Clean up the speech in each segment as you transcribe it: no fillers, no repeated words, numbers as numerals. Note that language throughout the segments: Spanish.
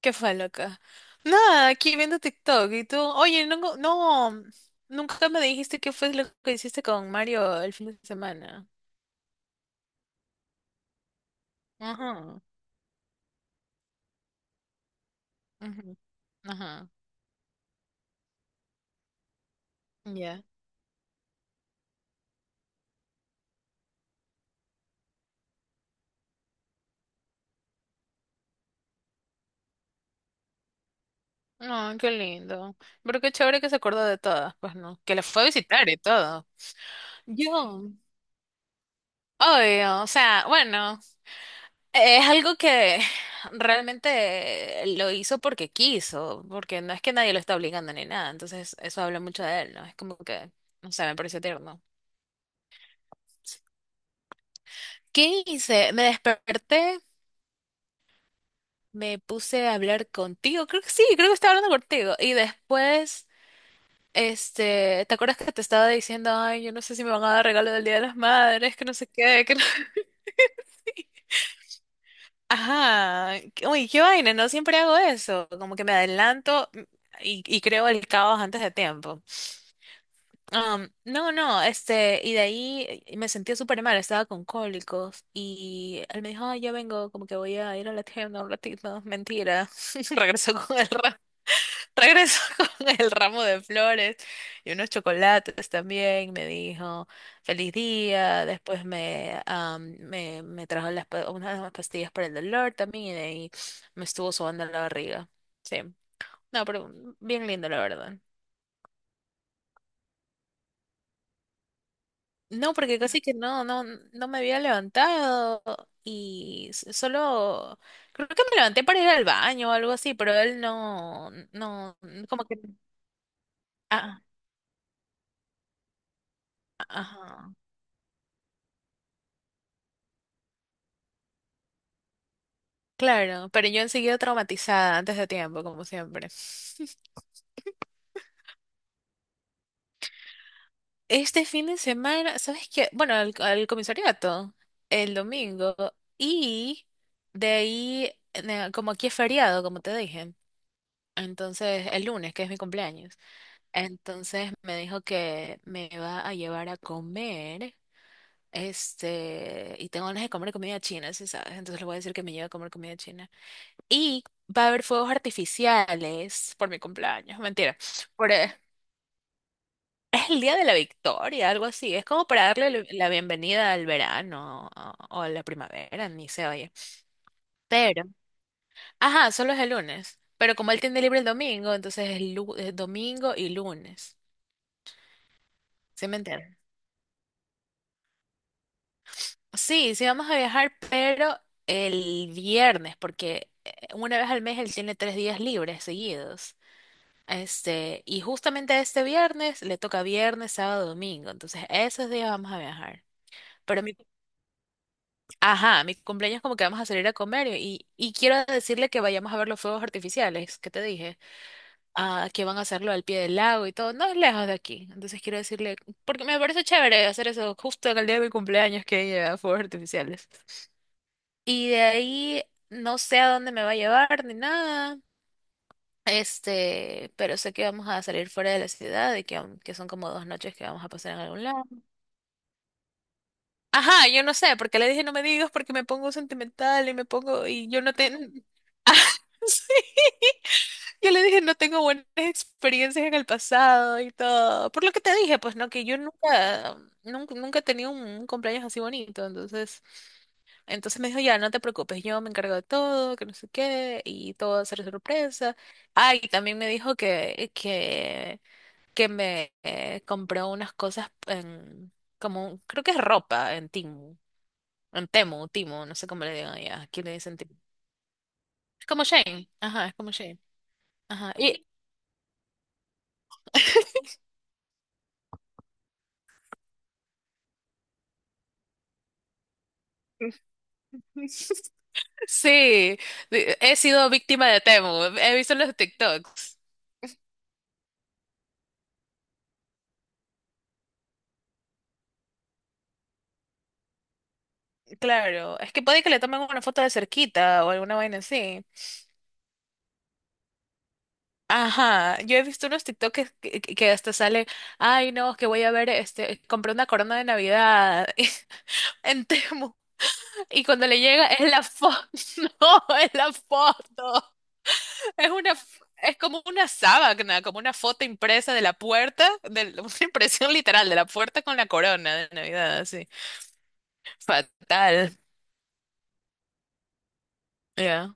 ¿Qué fue, loca? Nada, aquí viendo TikTok y tú, oye, no, no, nunca me dijiste qué fue lo que hiciste con Mario el fin de semana. Ajá, ujú, ajá, ya. No, qué lindo. Pero qué chévere que se acordó de todas, pues no, que la fue a visitar y todo. Yo. Obvio, o sea, bueno, es algo que realmente lo hizo porque quiso, porque no es que nadie lo está obligando ni nada, entonces eso habla mucho de él, ¿no? Es como que, no sé, me pareció tierno. ¿Qué hice? Me desperté, me puse a hablar contigo, creo que sí, creo que estaba hablando contigo, y después, este, ¿te acuerdas que te estaba diciendo, ay, yo no sé si me van a dar regalo del Día de las Madres, que no sé qué, que no... Ajá, uy, qué vaina, no siempre hago eso, como que me adelanto y creo el caos antes de tiempo. No, no, este, y de ahí me sentía súper mal, estaba con cólicos y él me dijo, "Ay, ya vengo, como que voy a ir a la tienda un ratito, mentira, regresó con el Regresó con el ramo de flores y unos chocolates también. Me dijo, feliz día. Después me trajo unas pastillas para el dolor también y de ahí me estuvo sobando la barriga. Sí. No, pero bien lindo, la verdad. No, porque casi que no, no, no me había levantado y solo creo que me levanté para ir al baño o algo así, pero él no, no, como que, ah, ajá. Claro, pero yo enseguida traumatizada antes de tiempo, como siempre. Este fin de semana, ¿sabes qué? Bueno, al comisariato, el domingo, y de ahí, como aquí es feriado, como te dije, entonces el lunes, que es mi cumpleaños, entonces me dijo que me va a llevar a comer, este, y tengo ganas de comer comida china, si sabes, entonces le voy a decir que me lleve a comer comida china. Y va a haber fuegos artificiales por mi cumpleaños, mentira. Por, eh, es el día de la victoria, algo así. Es como para darle la bienvenida al verano o a la primavera, ni se oye. Pero, ajá, solo es el lunes. Pero como él tiene libre el domingo, entonces es domingo y lunes. ¿Sí me entienden? Sí, sí vamos a viajar, pero el viernes, porque una vez al mes él tiene 3 días libres seguidos. Este, y justamente este viernes le toca viernes, sábado, domingo. Entonces, esos días vamos a viajar. Pero mi, ajá, mi cumpleaños como que vamos a salir a comer y quiero decirle que vayamos a ver los fuegos artificiales, que te dije, que van a hacerlo al pie del lago y todo, no es lejos de aquí. Entonces quiero decirle, porque me parece chévere hacer eso justo en el día de mi cumpleaños que lleva fuegos artificiales. Y de ahí no sé a dónde me va a llevar ni nada. Este, pero sé que vamos a salir fuera de la ciudad y que son como 2 noches que vamos a pasar en algún lado. Ajá, yo no sé, porque le dije no me digas porque me pongo sentimental y me pongo y yo no tengo... Ah, sí. Yo le dije no tengo buenas experiencias en el pasado y todo. Por lo que te dije, pues no, que yo nunca, nunca, nunca he tenido un cumpleaños así bonito, entonces... Entonces me dijo, ya, no te preocupes, yo me encargo de todo, que no sé qué, y todo va a ser sorpresa. Ah, y también me dijo que me compró unas cosas en, como, creo que es ropa en Timu, en Temu, Timu, no sé cómo le digan allá, aquí le dicen Timu. Es como Shane, ajá, es como Shane, ajá. Y... Sí, he sido víctima de Temu, he visto los TikToks. Claro, es que puede que le tomen una foto de cerquita o alguna vaina así. Ajá, yo he visto unos TikToks que hasta sale, ay no, que voy a ver, este, compré una corona de Navidad en Temu y cuando le llega es la foto, no, es la foto, es como una sábana, como una foto impresa de la puerta, de, una impresión literal de la puerta con la corona de Navidad, así, fatal, ya,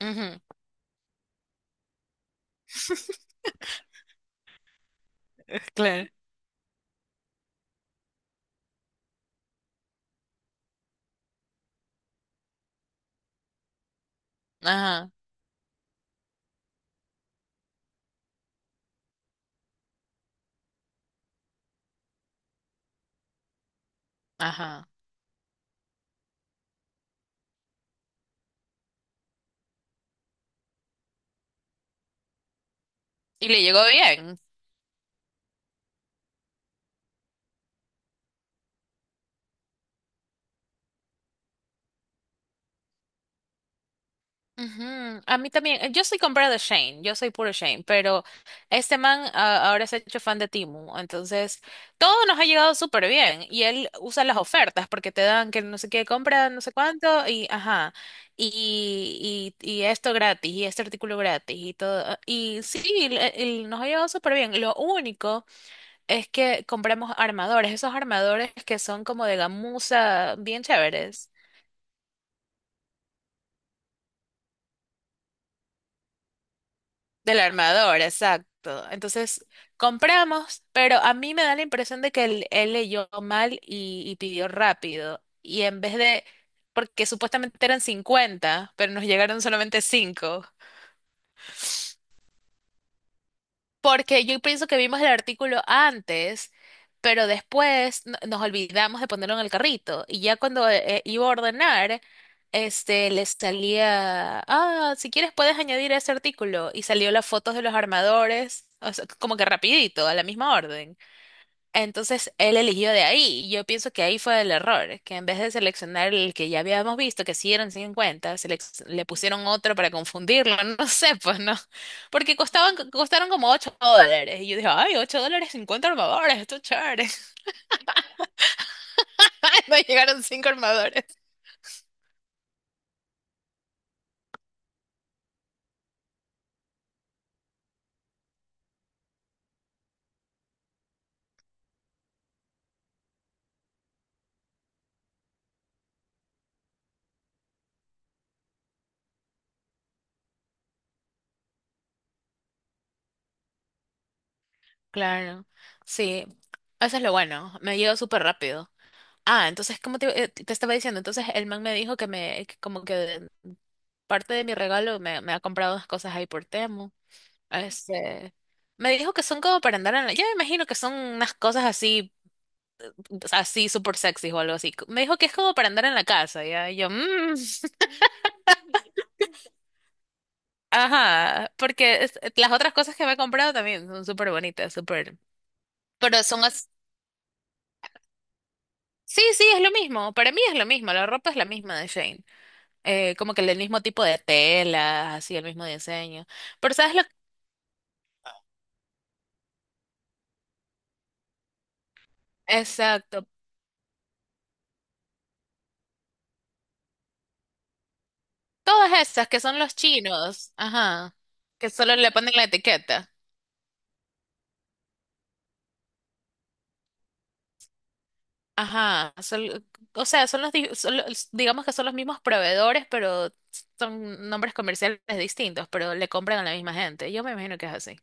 ujú, Claro. Ajá, ajá, y le llegó bien. Ujú, a mí también, yo soy comprada de Shane, yo soy puro Shane, pero este man ahora se ha hecho fan de Timu entonces todo nos ha llegado súper bien y él usa las ofertas porque te dan que no sé qué compra, no sé cuánto y ajá, y esto gratis y este artículo gratis y todo, y sí, nos ha llegado súper bien, lo único es que compramos armadores, esos armadores que son como de gamuza bien chéveres. Del armador, exacto. Entonces compramos, pero a mí me da la impresión de que él leyó mal y pidió rápido. Y en vez de, porque supuestamente eran 50, pero nos llegaron solamente 5. Porque yo pienso que vimos el artículo antes, pero después nos olvidamos de ponerlo en el carrito. Y ya cuando iba a ordenar, este, le salía, ah, si quieres puedes añadir ese artículo. Y salió las fotos de los armadores, o sea, como que rapidito, a la misma orden. Entonces él eligió de ahí. Y yo pienso que ahí fue el error, que en vez de seleccionar el que ya habíamos visto, que sí eran 50, le pusieron otro para confundirlo. No sé, pues no. Porque costaron como $8. Y yo dije, ay, $8, 50 armadores, esto es chévere. Ay, me llegaron 5 armadores. Claro, sí. Eso es lo bueno. Me llegó súper rápido. Ah, entonces, como te estaba diciendo, entonces el man me dijo que como que parte de mi regalo me ha comprado unas cosas ahí por Temu. Este, me dijo que son como para andar en la... Yo me imagino que son unas cosas así, así súper sexy o algo así. Me dijo que es como para andar en la casa, ¿ya? Y yo, "Mm, ajá, porque las otras cosas que me he comprado también son súper bonitas, súper... Pero son as- Sí, sí, es lo mismo. Para mí es lo mismo. La ropa es la misma de Shane. Como que el mismo tipo de tela, así, el mismo diseño. Pero ¿sabes lo? Exacto. Todas esas que son los chinos, ajá, que solo le ponen la etiqueta. Ajá, o sea, son los, di- son los- digamos que son los mismos proveedores, pero son nombres comerciales distintos, pero le compran a la misma gente. Yo me imagino que es así.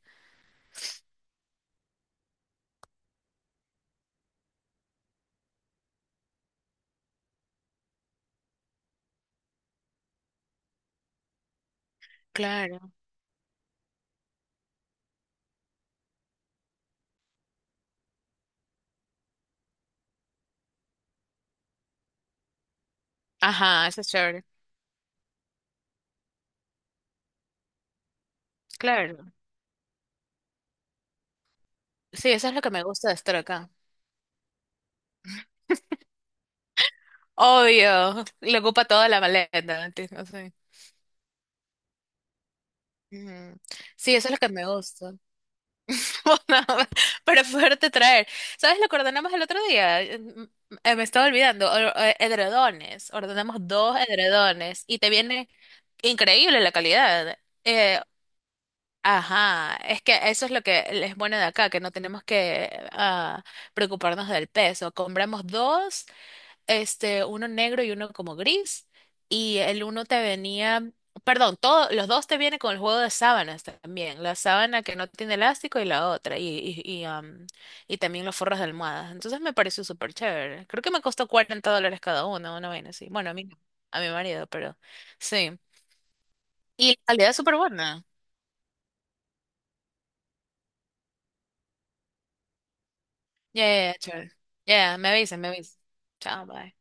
Claro. Ajá, eso es chévere. Claro. Sí, eso es lo que me gusta de estar acá. Obvio, le ocupa toda la maleta. ¿Entiendes? Sí, ujú. Sí, eso es lo que me gusta. Para poderte traer. ¿Sabes lo que ordenamos el otro día? Me estaba olvidando. Edredones. Ordenamos dos edredones y te viene increíble la calidad. Eh, ajá. Es que eso es lo que es bueno de acá, que no tenemos que preocuparnos del peso. Compramos dos este, uno negro y uno como gris, y el uno te venía, perdón, todo, los dos te vienen con el juego de sábanas también, la sábana que no tiene elástico y la otra, y, y, am, y también los forros de almohadas. Entonces me pareció súper chévere. Creo que me costó $40 cada uno, una vaina así. Bueno, a mí no, a mi marido, pero sí. Y la calidad es súper buena. Yeah, yeah, yeah, chévere. Yeah, me avisan, me avisan. Chao, bye.